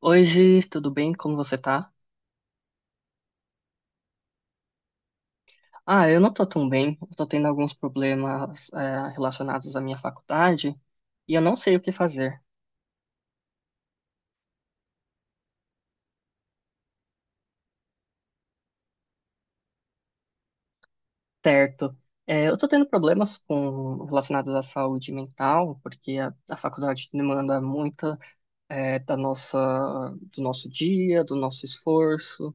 Oi, Gi, tudo bem? Como você tá? Ah, eu não tô tão bem. Eu tô tendo alguns problemas, relacionados à minha faculdade e eu não sei o que fazer. Certo. Eu tô tendo problemas com relacionados à saúde mental, porque a faculdade demanda muito, é, da nossa, do nosso dia, do nosso esforço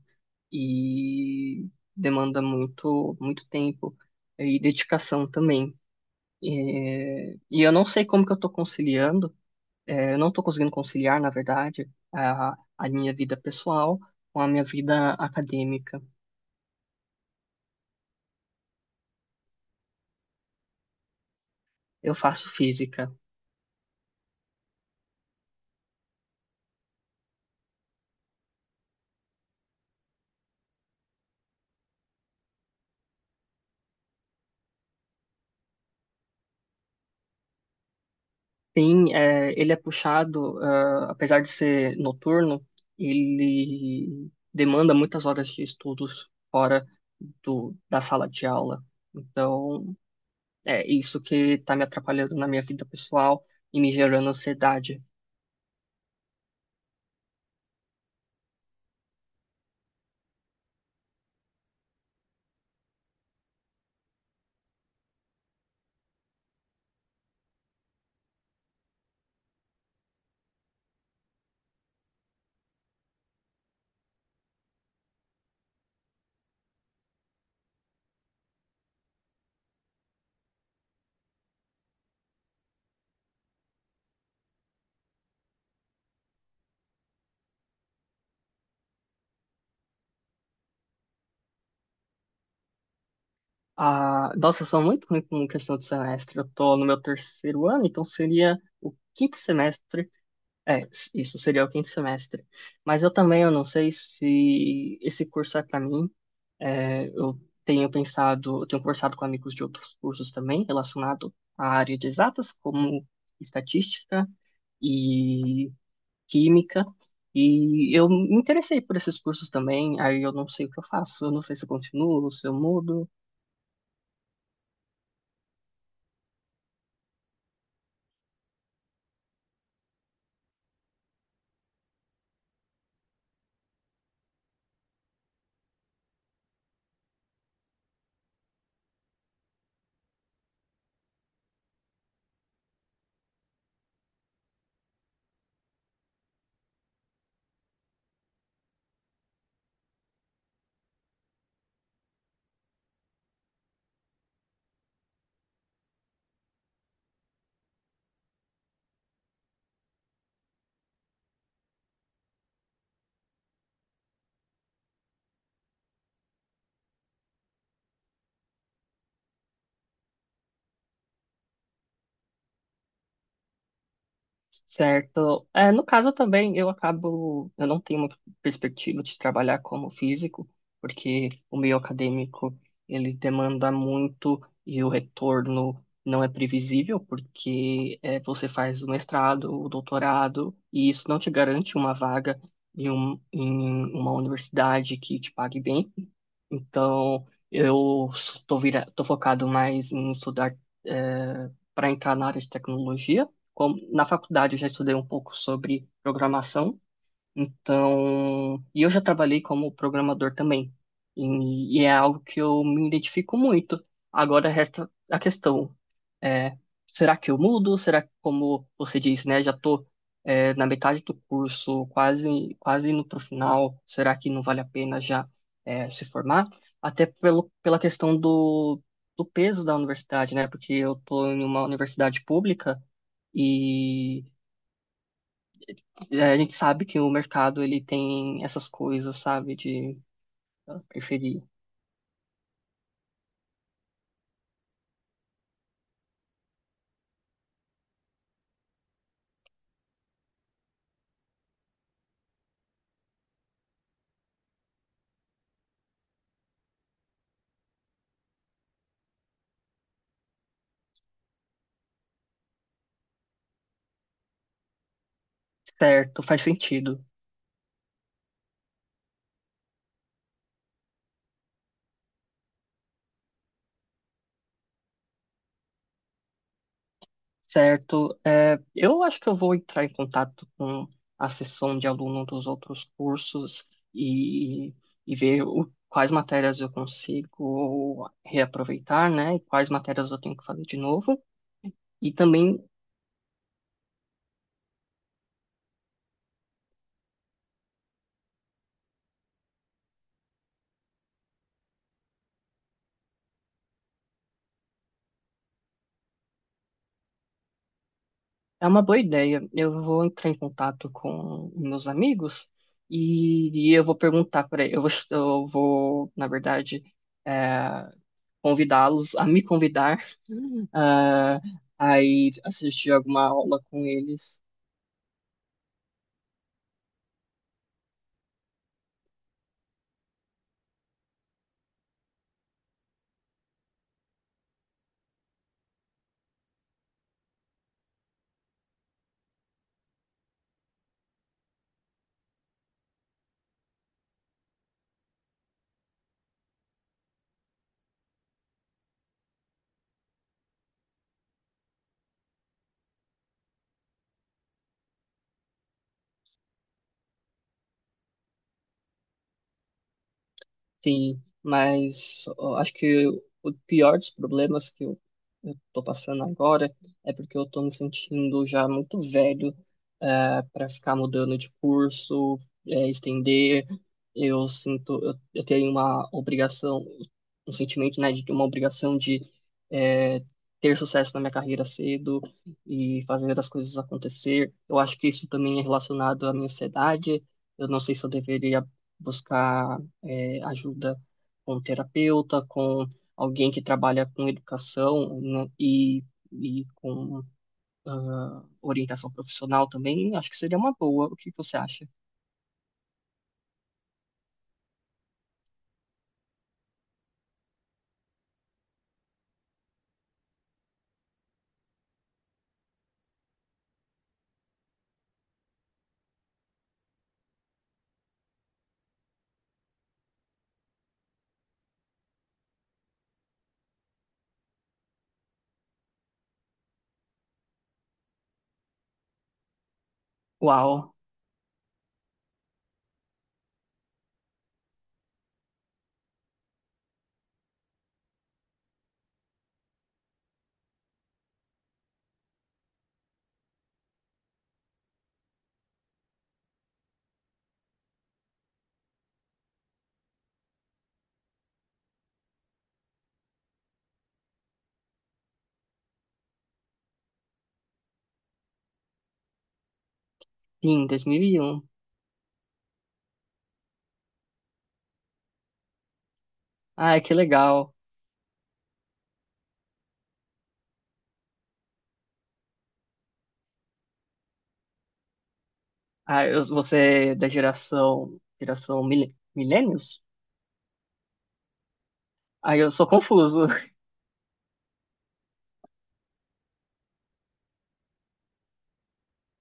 e demanda muito tempo e dedicação também. E eu não sei como que eu tô conciliando. Eu não estou conseguindo conciliar, na verdade, a minha vida pessoal com a minha vida acadêmica. Eu faço física. Sim, é, ele é puxado, ah, apesar de ser noturno, ele demanda muitas horas de estudos fora da sala de aula. Então, é isso que está me atrapalhando na minha vida pessoal e me gerando ansiedade. Ah, nossa, eu sou muito ruim com questão de semestre. Eu tô no meu terceiro ano, então seria o quinto semestre. É, isso seria o quinto semestre. Mas eu também, eu não sei se esse curso é para mim. Eu tenho pensado, eu tenho conversado com amigos de outros cursos também, relacionado à área de exatas, como estatística e química. E eu me interessei por esses cursos também. Aí eu não sei o que eu faço. Eu não sei se eu continuo, se eu mudo. Certo. No caso também, eu não tenho uma perspectiva de trabalhar como físico, porque o meio acadêmico, ele demanda muito e o retorno não é previsível, porque é, você faz o mestrado, o doutorado, e isso não te garante uma vaga em uma universidade que te pague bem. Então, tô focado mais em estudar, para entrar na área de tecnologia, como- na faculdade eu já estudei um pouco sobre programação, então, e eu já trabalhei como programador também, e é algo que eu me identifico muito. Agora resta a questão, é, será que eu mudo? Será que, como você disse, né, já estou na metade do curso, quase indo para o final, será que não vale a pena já é, se formar? Até pela questão do, do peso da universidade, né, porque eu estou em uma universidade pública, e é, a gente sabe que o mercado ele tem essas coisas, sabe, de ah, preferir. Certo, faz sentido. Certo, é, eu acho que eu vou entrar em contato com a seção de aluno dos outros cursos e, e ver o- quais matérias eu consigo reaproveitar, né, e quais matérias eu tenho que fazer de novo. E também é uma boa ideia. Eu vou entrar em contato com meus amigos e eu vou perguntar para eles. Na verdade, é, convidá-los a me convidar, eh, a ir assistir alguma aula com eles. Sim, mas ó, acho que o pior dos problemas eu tô passando agora é porque eu tô me sentindo já muito velho para ficar mudando de curso, estender. Eu tenho uma obrigação, um sentimento, né, de uma obrigação de eh, ter sucesso na minha carreira cedo e fazer as coisas acontecer. Eu acho que isso também é relacionado à minha ansiedade. Eu não sei se eu deveria buscar ajuda com um terapeuta, com alguém que trabalha com educação, né, e com orientação profissional também, acho que seria uma boa. O que você acha? Uau, sim, 2001. Ah, que legal. Ah, você é da geração mil, millennials? Ah, eu sou confuso.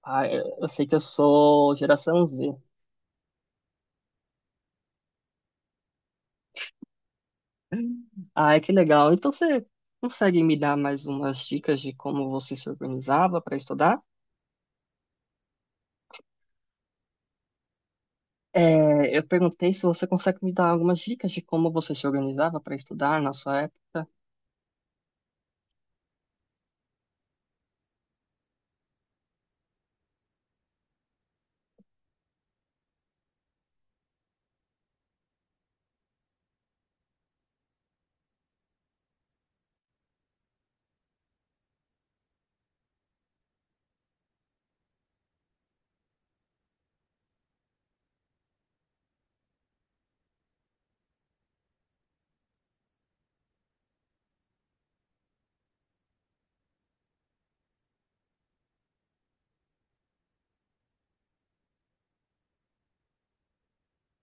Ah, eu sei que eu sou geração Z. Ah, que legal. Então você consegue me dar mais umas dicas de como você se organizava para estudar? É, eu perguntei se você consegue me dar algumas dicas de como você se organizava para estudar na sua época.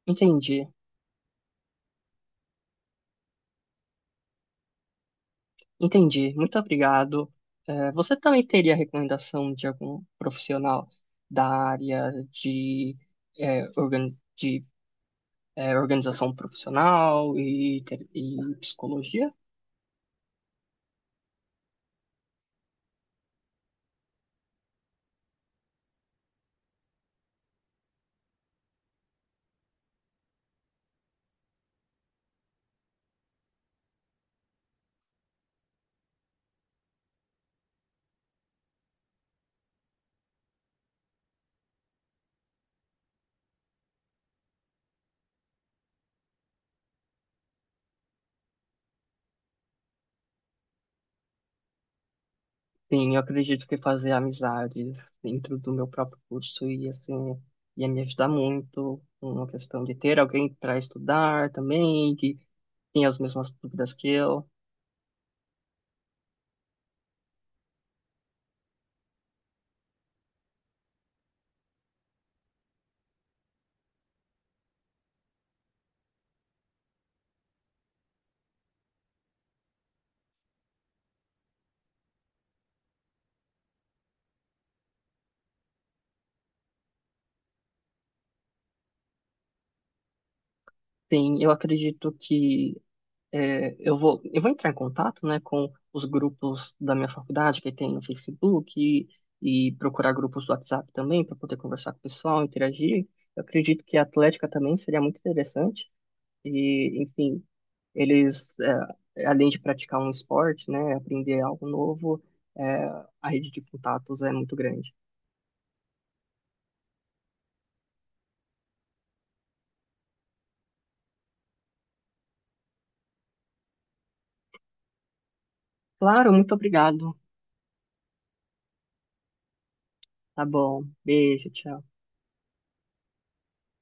Entendi, entendi. Muito obrigado. É, você também teria recomendação de algum profissional da área de, é, organização profissional e psicologia? Sim, eu acredito que fazer amizades dentro do meu próprio curso ia, assim, ia me ajudar muito uma questão de ter alguém para estudar também, que tem as mesmas dúvidas que eu. Sim, eu acredito que é, eu vou entrar em contato, né, com os grupos da minha faculdade que tem no Facebook e procurar grupos do WhatsApp também para poder conversar com o pessoal, interagir. Eu acredito que a atlética também seria muito interessante. E, enfim, eles, eh, além de praticar um esporte, né, aprender algo novo, eh, a rede de contatos é muito grande. Claro, muito obrigado. Tá bom. Beijo, tchau.